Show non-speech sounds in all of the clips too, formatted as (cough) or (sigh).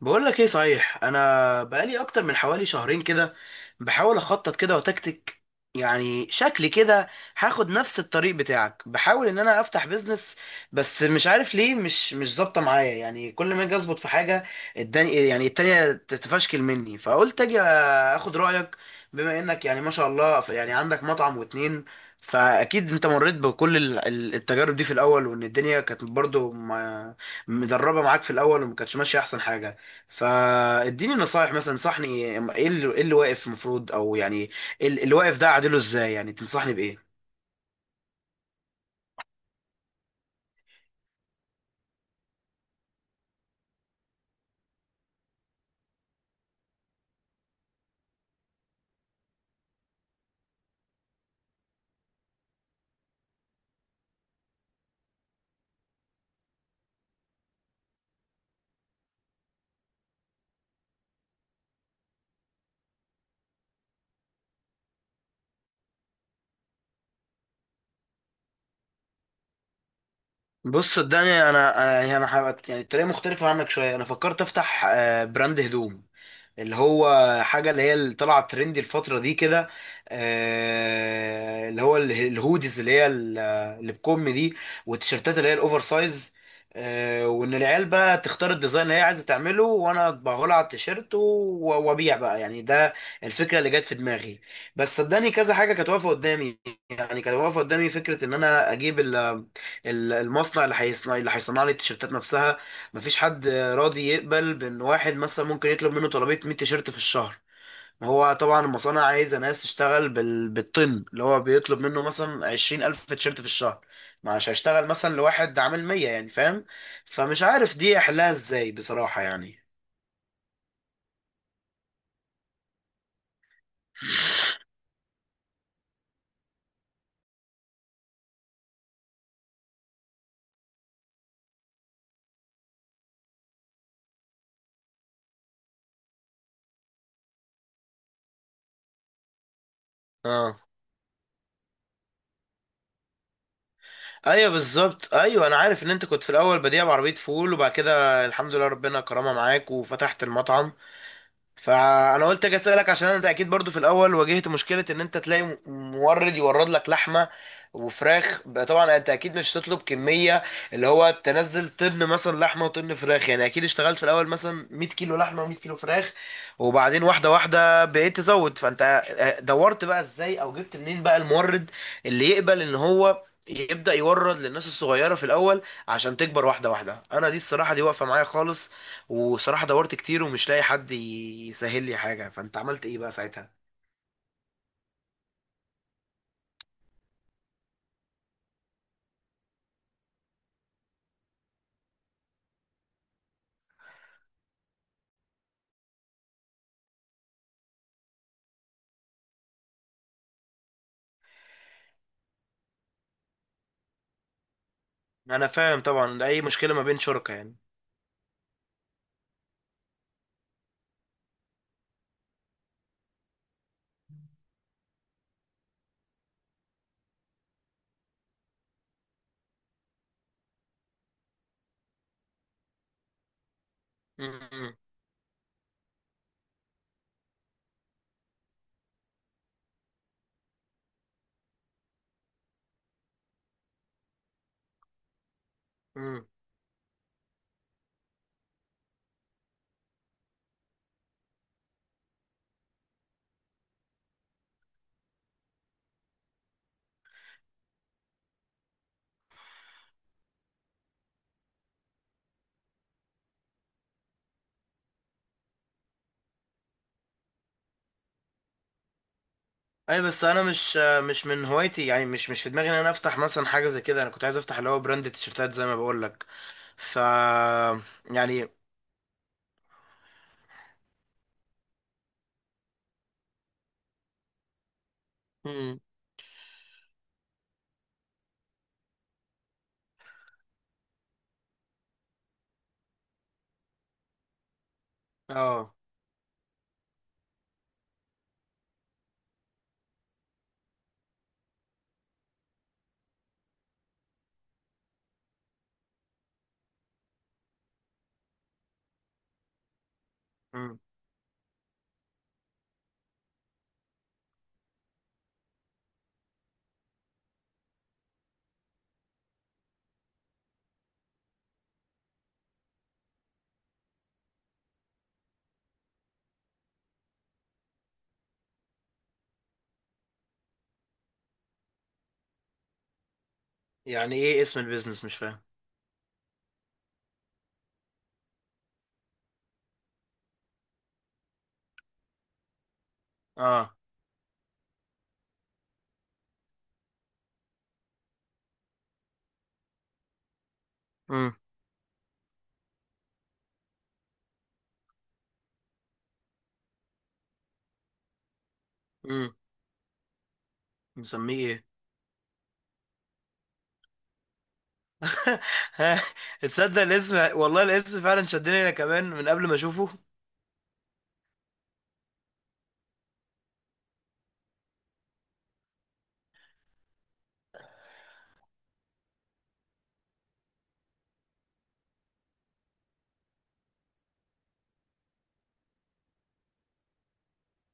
بقول لك ايه. صحيح، انا بقالي اكتر من حوالي شهرين كده بحاول اخطط كده وتكتك. يعني شكلي كده هاخد نفس الطريق بتاعك، بحاول ان انا افتح بيزنس. بس مش عارف ليه مش ظابطه معايا، يعني كل ما اجي اظبط في حاجه الدني يعني التانية تتفشكل مني، فقلت اجي اخد رايك. بما انك يعني ما شاء الله يعني عندك مطعم واتنين، فاكيد انت مريت بكل التجارب دي في الاول، وان الدنيا كانت برضو مدربه معاك في الاول وما كانتش ماشيه احسن حاجه. فاديني نصايح، مثلا انصحني ايه إيه اللي واقف المفروض، او يعني إيه اللي واقف ده اعدله ازاي؟ يعني تنصحني بايه؟ بص صدقني، انا يعني انا يعني الطريقه مختلفه عنك شويه. انا فكرت افتح براند هدوم، اللي هو حاجة اللي هي اللي طلعت ترندي الفترة دي كده، اللي هو الهوديز اللي هي اللي بكم دي، والتيشيرتات اللي هي الاوفر سايز. وان العيال بقى تختار الديزاين اللي هي عايزة تعمله وانا اطبعه لها على التيشيرت وابيع بقى. يعني ده الفكرة اللي جت في دماغي. بس صدقني كذا حاجة كانت واقفة قدامي. يعني كانت واقفة قدامي فكرة ان انا اجيب المصنع اللي هيصنع لي التيشيرتات نفسها. مفيش حد راضي يقبل بان واحد مثلا ممكن يطلب منه طلبية 100 تيشيرت في الشهر. ما هو طبعا المصانع عايزة ناس تشتغل بالطن، اللي هو بيطلب منه مثلا 20,000 تيشيرت في الشهر، مش هشتغل مثلا لواحد عامل 100، يعني فاهم. فمش عارف دي احلها ازاي بصراحة يعني. اه، ايوه بالظبط، ايوه انا عارف ان انت كنت في الاول بديع بعربيه فول، وبعد كده الحمد لله ربنا كرمها معاك وفتحت المطعم. فانا قلت اجي اسالك، عشان انت اكيد برضو في الاول واجهت مشكله ان انت تلاقي مورد يورد لك لحمه وفراخ. بقى طبعا انت اكيد مش هتطلب كميه اللي هو تنزل طن مثلا لحمه وطن فراخ، يعني اكيد اشتغلت في الاول مثلا 100 كيلو لحمه و100 كيلو فراخ، وبعدين واحده واحده بقيت تزود. فانت دورت بقى ازاي، او جبت منين بقى المورد اللي يقبل ان هو يبدأ يورد للناس الصغيرة في الأول عشان تكبر واحدة واحدة؟ أنا دي الصراحة دي واقفة معايا خالص. وصراحة دورت كتير ومش لاقي حد يسهل لي حاجة، فانت عملت ايه بقى ساعتها؟ انا فاهم طبعا، ده اي مشكلة ما بين شركاء يعني. امم. امم. اي، بس انا مش من هوايتي، يعني مش في دماغي ان انا افتح مثلا حاجة زي كده. انا كنت عايز افتح اللي هو براند تيشرتات زي ما بقول لك. ف يعني امم. اه. امم. يعني ايه اسم البيزنس؟ مش فاهم. اه. امم. امم. نسميه ايه؟ (laughs) ها. تصدق الاسم والله، الاسم فعلا شدني انا كمان من قبل ما اشوفه.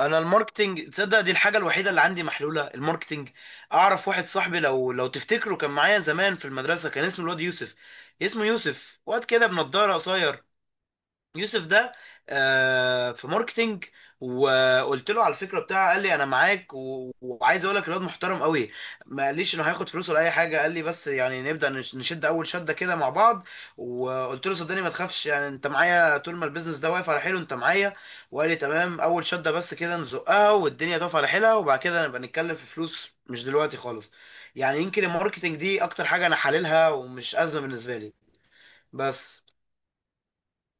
انا الماركتينج، تصدق دي الحاجه الوحيده اللي عندي محلوله، الماركتينج. اعرف واحد صاحبي، لو تفتكره، كان معايا زمان في المدرسه، كان اسمه الواد يوسف. اسمه يوسف، واد كده بنضاره قصير. يوسف ده في ماركتينج. وقلت له على الفكره بتاعه، قال لي انا معاك، وعايز اقول لك الواد محترم قوي، ما قاليش انه هياخد فلوس ولا اي حاجه. قال لي بس يعني نبدا نشد اول شده كده مع بعض. وقلت له صدقني ما تخافش، يعني انت معايا، طول ما البيزنس ده واقف على حيله انت معايا. وقال لي تمام، اول شده بس كده نزقها والدنيا تقف على حيلها، وبعد كده نبقى نتكلم في فلوس، مش دلوقتي خالص. يعني يمكن الماركتينج دي اكتر حاجه انا حللها، ومش ازمه بالنسبه لي. بس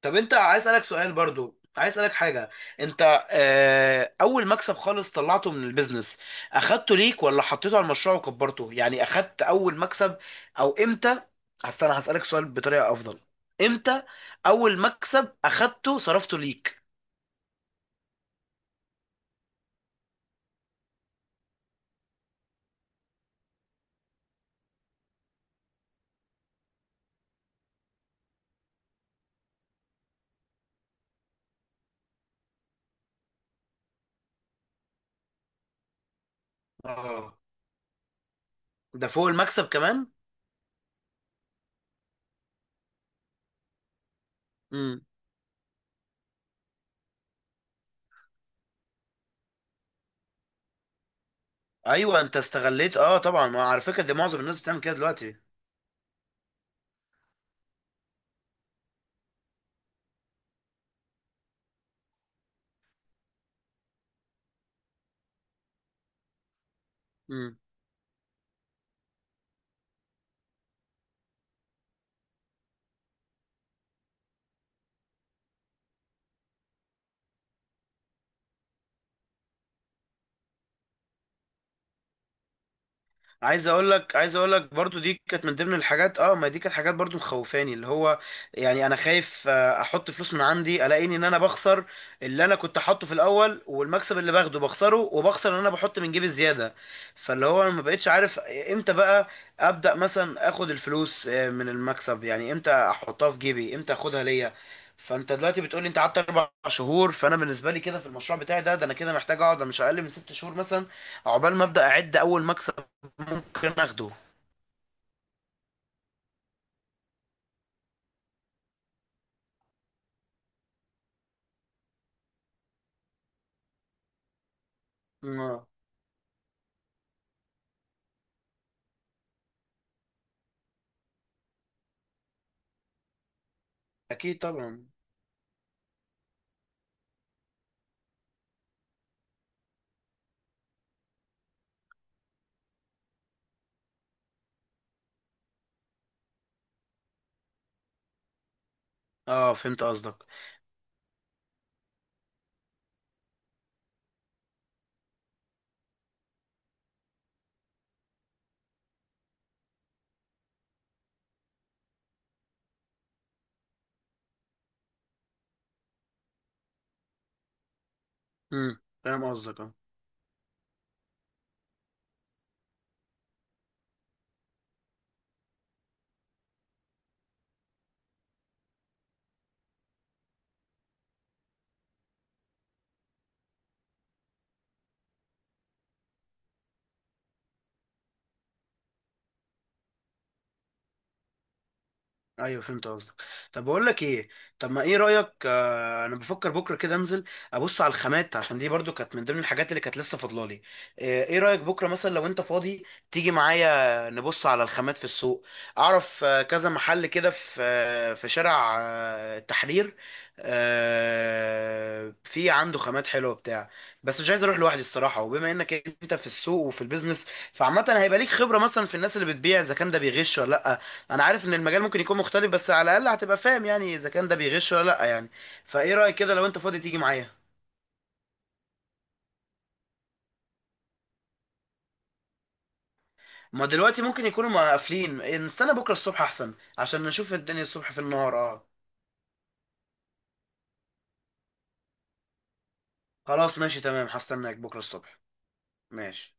طب انت عايز اسالك سؤال، برضو عايز اسالك حاجه. انت اول مكسب خالص طلعته من البيزنس، اخدته ليك ولا حطيته على المشروع وكبرته؟ يعني اخدت اول مكسب او امتى؟ استنى هسالك سؤال بطريقه افضل. امتى اول مكسب اخدته صرفته ليك؟ اه، ده فوق المكسب كمان. امم. ايوه، انت استغليت، اه طبعا، ما على فكره دي معظم الناس بتعمل كده دلوقتي. امم. عايز اقول لك برضو دي كانت من ضمن الحاجات. اه، ما دي كانت حاجات برضو مخوفاني اللي هو، يعني انا خايف احط فلوس من عندي الاقيني ان انا بخسر اللي انا كنت حاطه في الاول، والمكسب اللي باخده بخسره، وبخسر ان انا بحط من جيبي زياده. فاللي هو انا ما بقتش عارف امتى بقى ابدا مثلا اخد الفلوس من المكسب. يعني امتى احطها في جيبي، امتى اخدها ليا؟ فانت دلوقتي بتقولي انت قعدت 4 شهور، فانا بالنسبه لي كده في المشروع بتاعي ده، ده انا كده محتاج اقعد مش اقل من 6 شهور مثلا عقبال ما ابدا اعد اول مكسب ممكن اخده. آه. اكيد طبعا. اه، فهمت قصدك. مم. فاهم قصدك، اه. ايوه، فهمت قصدك. طب بقول لك ايه، طب ما ايه رايك، آه انا بفكر بكره كده انزل ابص على الخامات، عشان دي برضو كانت من ضمن الحاجات اللي كانت لسه فاضلالي. ايه رايك بكره مثلا لو انت فاضي تيجي معايا نبص على الخامات في السوق؟ اعرف آه كذا محل كده في آه في شارع آه التحرير، آه في عنده خامات حلوه بتاع. بس مش عايز اروح لوحدي الصراحه، وبما انك انت في السوق وفي البيزنس، فعامه هيبقى ليك خبره مثلا في الناس اللي بتبيع اذا كان ده بيغش ولا لا. انا عارف ان المجال ممكن يكون مختلف، بس على الاقل هتبقى فاهم يعني اذا كان ده بيغش ولا لا يعني. فايه رايك كده لو انت فاضي تيجي معايا؟ ما دلوقتي ممكن يكونوا مقفلين، نستنى بكره الصبح احسن عشان نشوف الدنيا الصبح في النهار، اه. خلاص ماشي تمام، هستناك بكره الصبح. ماشي.